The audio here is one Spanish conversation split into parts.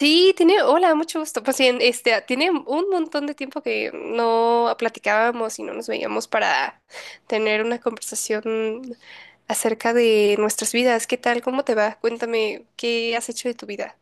Sí, hola, mucho gusto. Pues bien, tiene un montón de tiempo que no platicábamos y no nos veíamos para tener una conversación acerca de nuestras vidas. ¿Qué tal? ¿Cómo te va? Cuéntame, ¿qué has hecho de tu vida?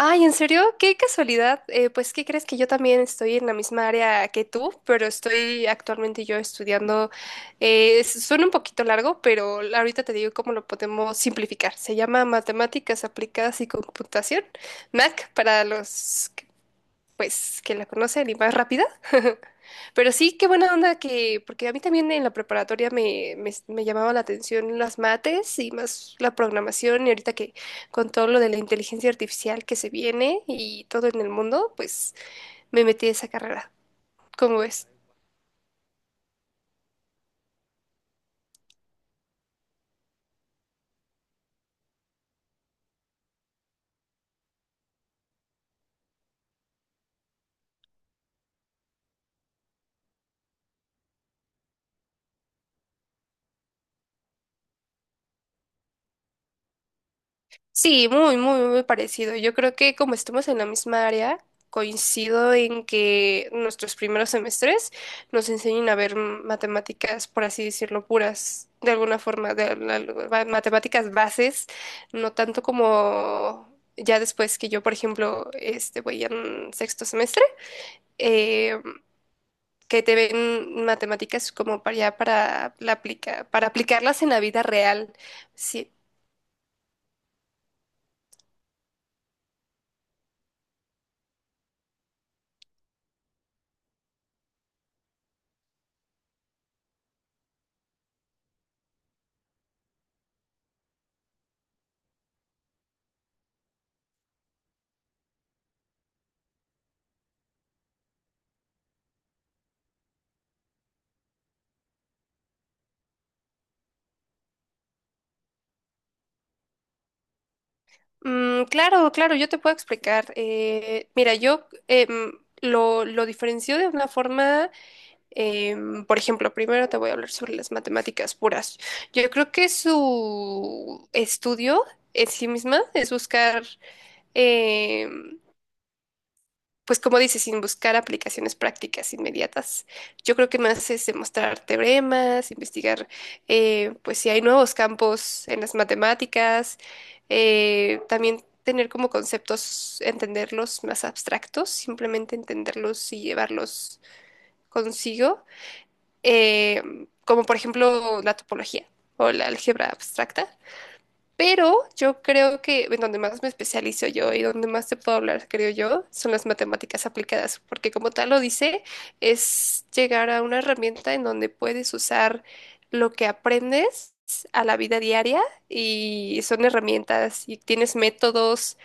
Ay, ¿en serio? Qué casualidad. Pues, ¿qué crees que yo también estoy en la misma área que tú? Pero estoy actualmente yo estudiando. Suena un poquito largo, pero ahorita te digo cómo lo podemos simplificar. Se llama Matemáticas Aplicadas y Computación, MAC, para los, que, pues, que la conocen y más rápida. Pero sí, qué buena onda que, porque a mí también en la preparatoria me llamaba la atención las mates y más la programación y ahorita que con todo lo de la inteligencia artificial que se viene y todo en el mundo, pues me metí a esa carrera. ¿Cómo ves? Sí, muy, muy, muy parecido. Yo creo que como estamos en la misma área, coincido en que nuestros primeros semestres nos enseñen a ver matemáticas, por así decirlo, puras, de alguna forma, matemáticas bases, no tanto como ya después que yo, por ejemplo, voy en sexto semestre, eh, que te ven matemáticas como para ya para la aplica, para aplicarlas en la vida real. Sí. Claro, claro, yo te puedo explicar. Mira, yo lo diferencio de una forma, por ejemplo, primero te voy a hablar sobre las matemáticas puras. Yo creo que su estudio en sí misma es buscar, em, pues como dices, sin buscar aplicaciones prácticas inmediatas. Yo creo que más es demostrar teoremas, investigar, pues si hay nuevos campos en las matemáticas, también tener como conceptos, entenderlos más abstractos, simplemente entenderlos y llevarlos consigo, eh, como por ejemplo la topología o la álgebra abstracta. Pero yo creo que en donde más me especializo yo y donde más te puedo hablar, creo yo, son las matemáticas aplicadas, porque como tal lo dice, es llegar a una herramienta en donde puedes usar lo que aprendes a la vida diaria y son herramientas y tienes métodos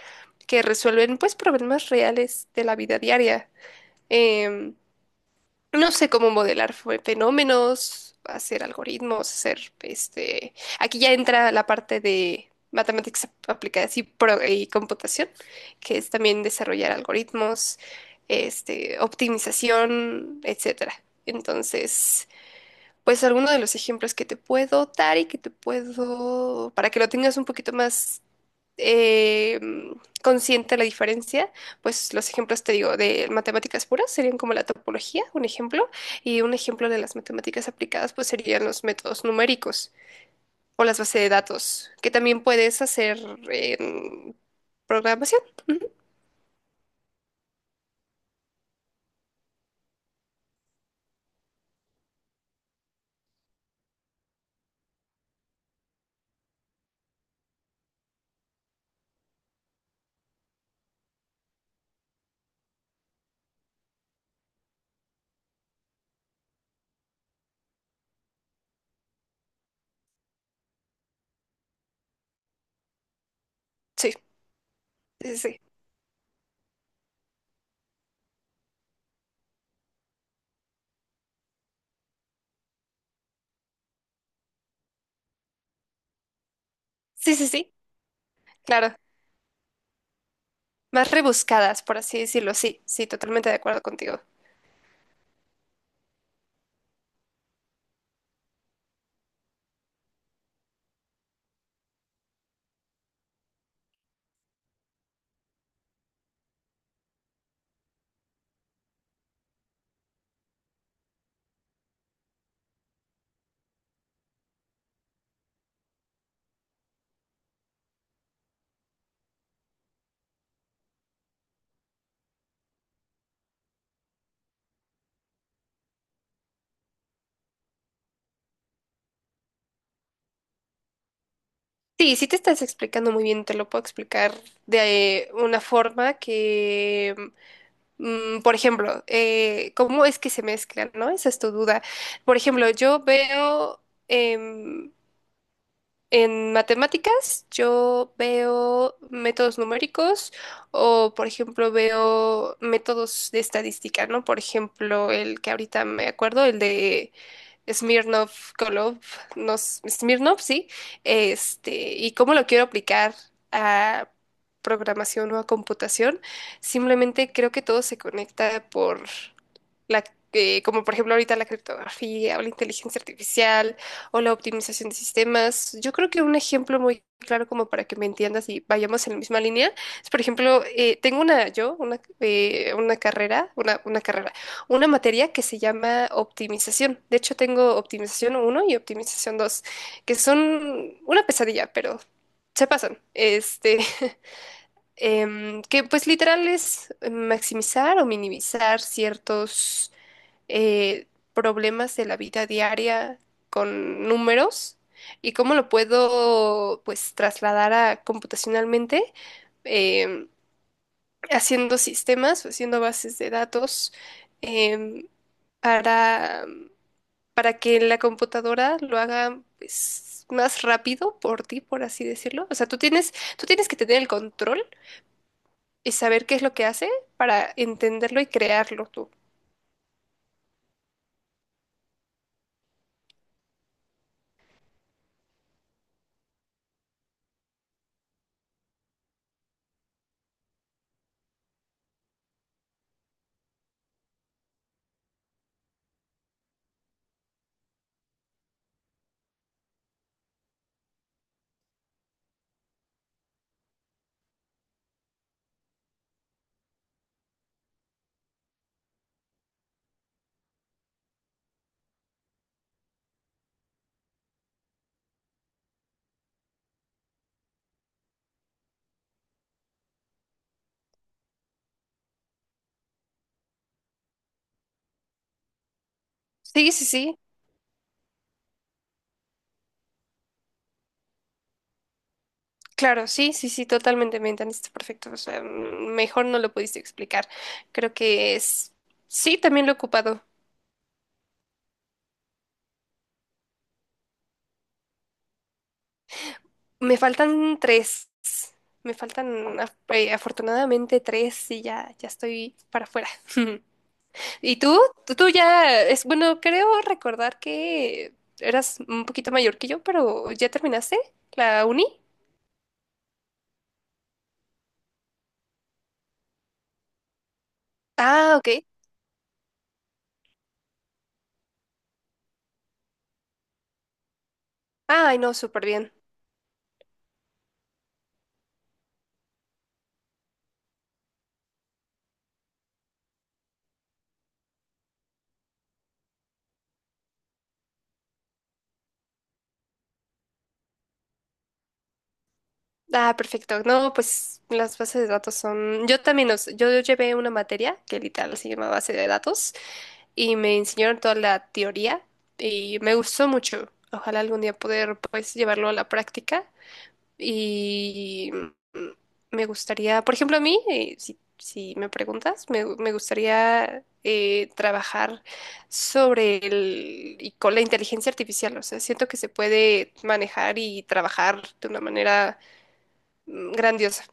que resuelven pues problemas reales de la vida diaria. Em, no sé cómo modelar fenómenos, hacer algoritmos, hacer. Aquí ya entra la parte de matemáticas aplicadas y computación, que es también desarrollar algoritmos, optimización, etcétera. Entonces, pues alguno de los ejemplos que te puedo dar y que te puedo, para que lo tengas un poquito más eh, consciente la diferencia, pues los ejemplos, te digo, de matemáticas puras serían como la topología, un ejemplo, y un ejemplo de las matemáticas aplicadas, pues serían los métodos numéricos o las bases de datos, que también puedes hacer en programación. Ujú. Sí, sí, sí. Sí, sí, sí, sí, claro. Más rebuscadas, por así decirlo. Sí, sí, totalmente de acuerdo contigo. Sí, sí te estás explicando muy bien, te lo puedo explicar de una forma que. Por ejemplo, ¿cómo es que se mezclan, no? Esa es tu duda. Por ejemplo, yo veo em, en matemáticas, yo veo métodos numéricos o, por ejemplo, veo métodos de estadística, ¿no? Por ejemplo, el que ahorita me acuerdo, el de Smirnov, Kolov, no, Smirnov, sí, y cómo lo quiero aplicar a programación o a computación, simplemente creo que todo se conecta por la, como por ejemplo ahorita la criptografía o la inteligencia artificial o la optimización de sistemas. Yo creo que un ejemplo muy claro como para que me entiendas y vayamos en la misma línea es, por ejemplo, tengo una carrera, una materia que se llama optimización. De hecho, tengo optimización uno y optimización 2, que son una pesadilla, pero se pasan. Que pues literal es maximizar o minimizar ciertos eh, problemas de la vida diaria con números y cómo lo puedo pues trasladar a computacionalmente em, haciendo sistemas, haciendo bases de datos em, para, para que la computadora lo haga pues, más rápido por ti, por así decirlo. O sea, tú tienes que tener el control y saber qué es lo que hace para entenderlo y crearlo tú. Sí, sí, sí. Claro, sí, sí, sí, totalmente me entendiste perfecto. O sea, mejor no lo pudiste explicar. Creo que es... Sí, también lo he ocupado. Me faltan tres. Me faltan afortunadamente tres y ya estoy para afuera. ¿Y tú? Tú ya es bueno, creo recordar que eras un poquito mayor que yo, pero ¿ya terminaste la uni? Ah, ok. Ay, no, súper bien. Ah, perfecto. No, pues las bases de datos son. Yo también, yo llevé una materia que literal se llama base de datos y me enseñaron toda la teoría y me gustó mucho. Ojalá algún día poder pues llevarlo a la práctica y mm, me gustaría, por ejemplo, a mí, si me preguntas, me gustaría trabajar sobre el y con la inteligencia artificial. O sea, siento que se puede manejar y trabajar de una manera grandiosa.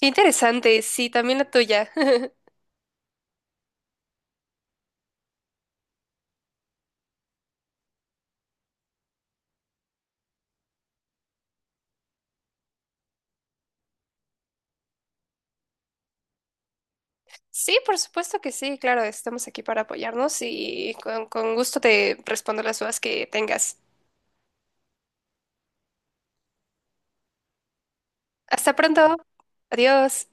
Qué interesante, sí, también la tuya. Sí, por supuesto que sí, claro, estamos aquí para apoyarnos y con gusto te respondo las dudas que tengas. Hasta pronto. Adiós.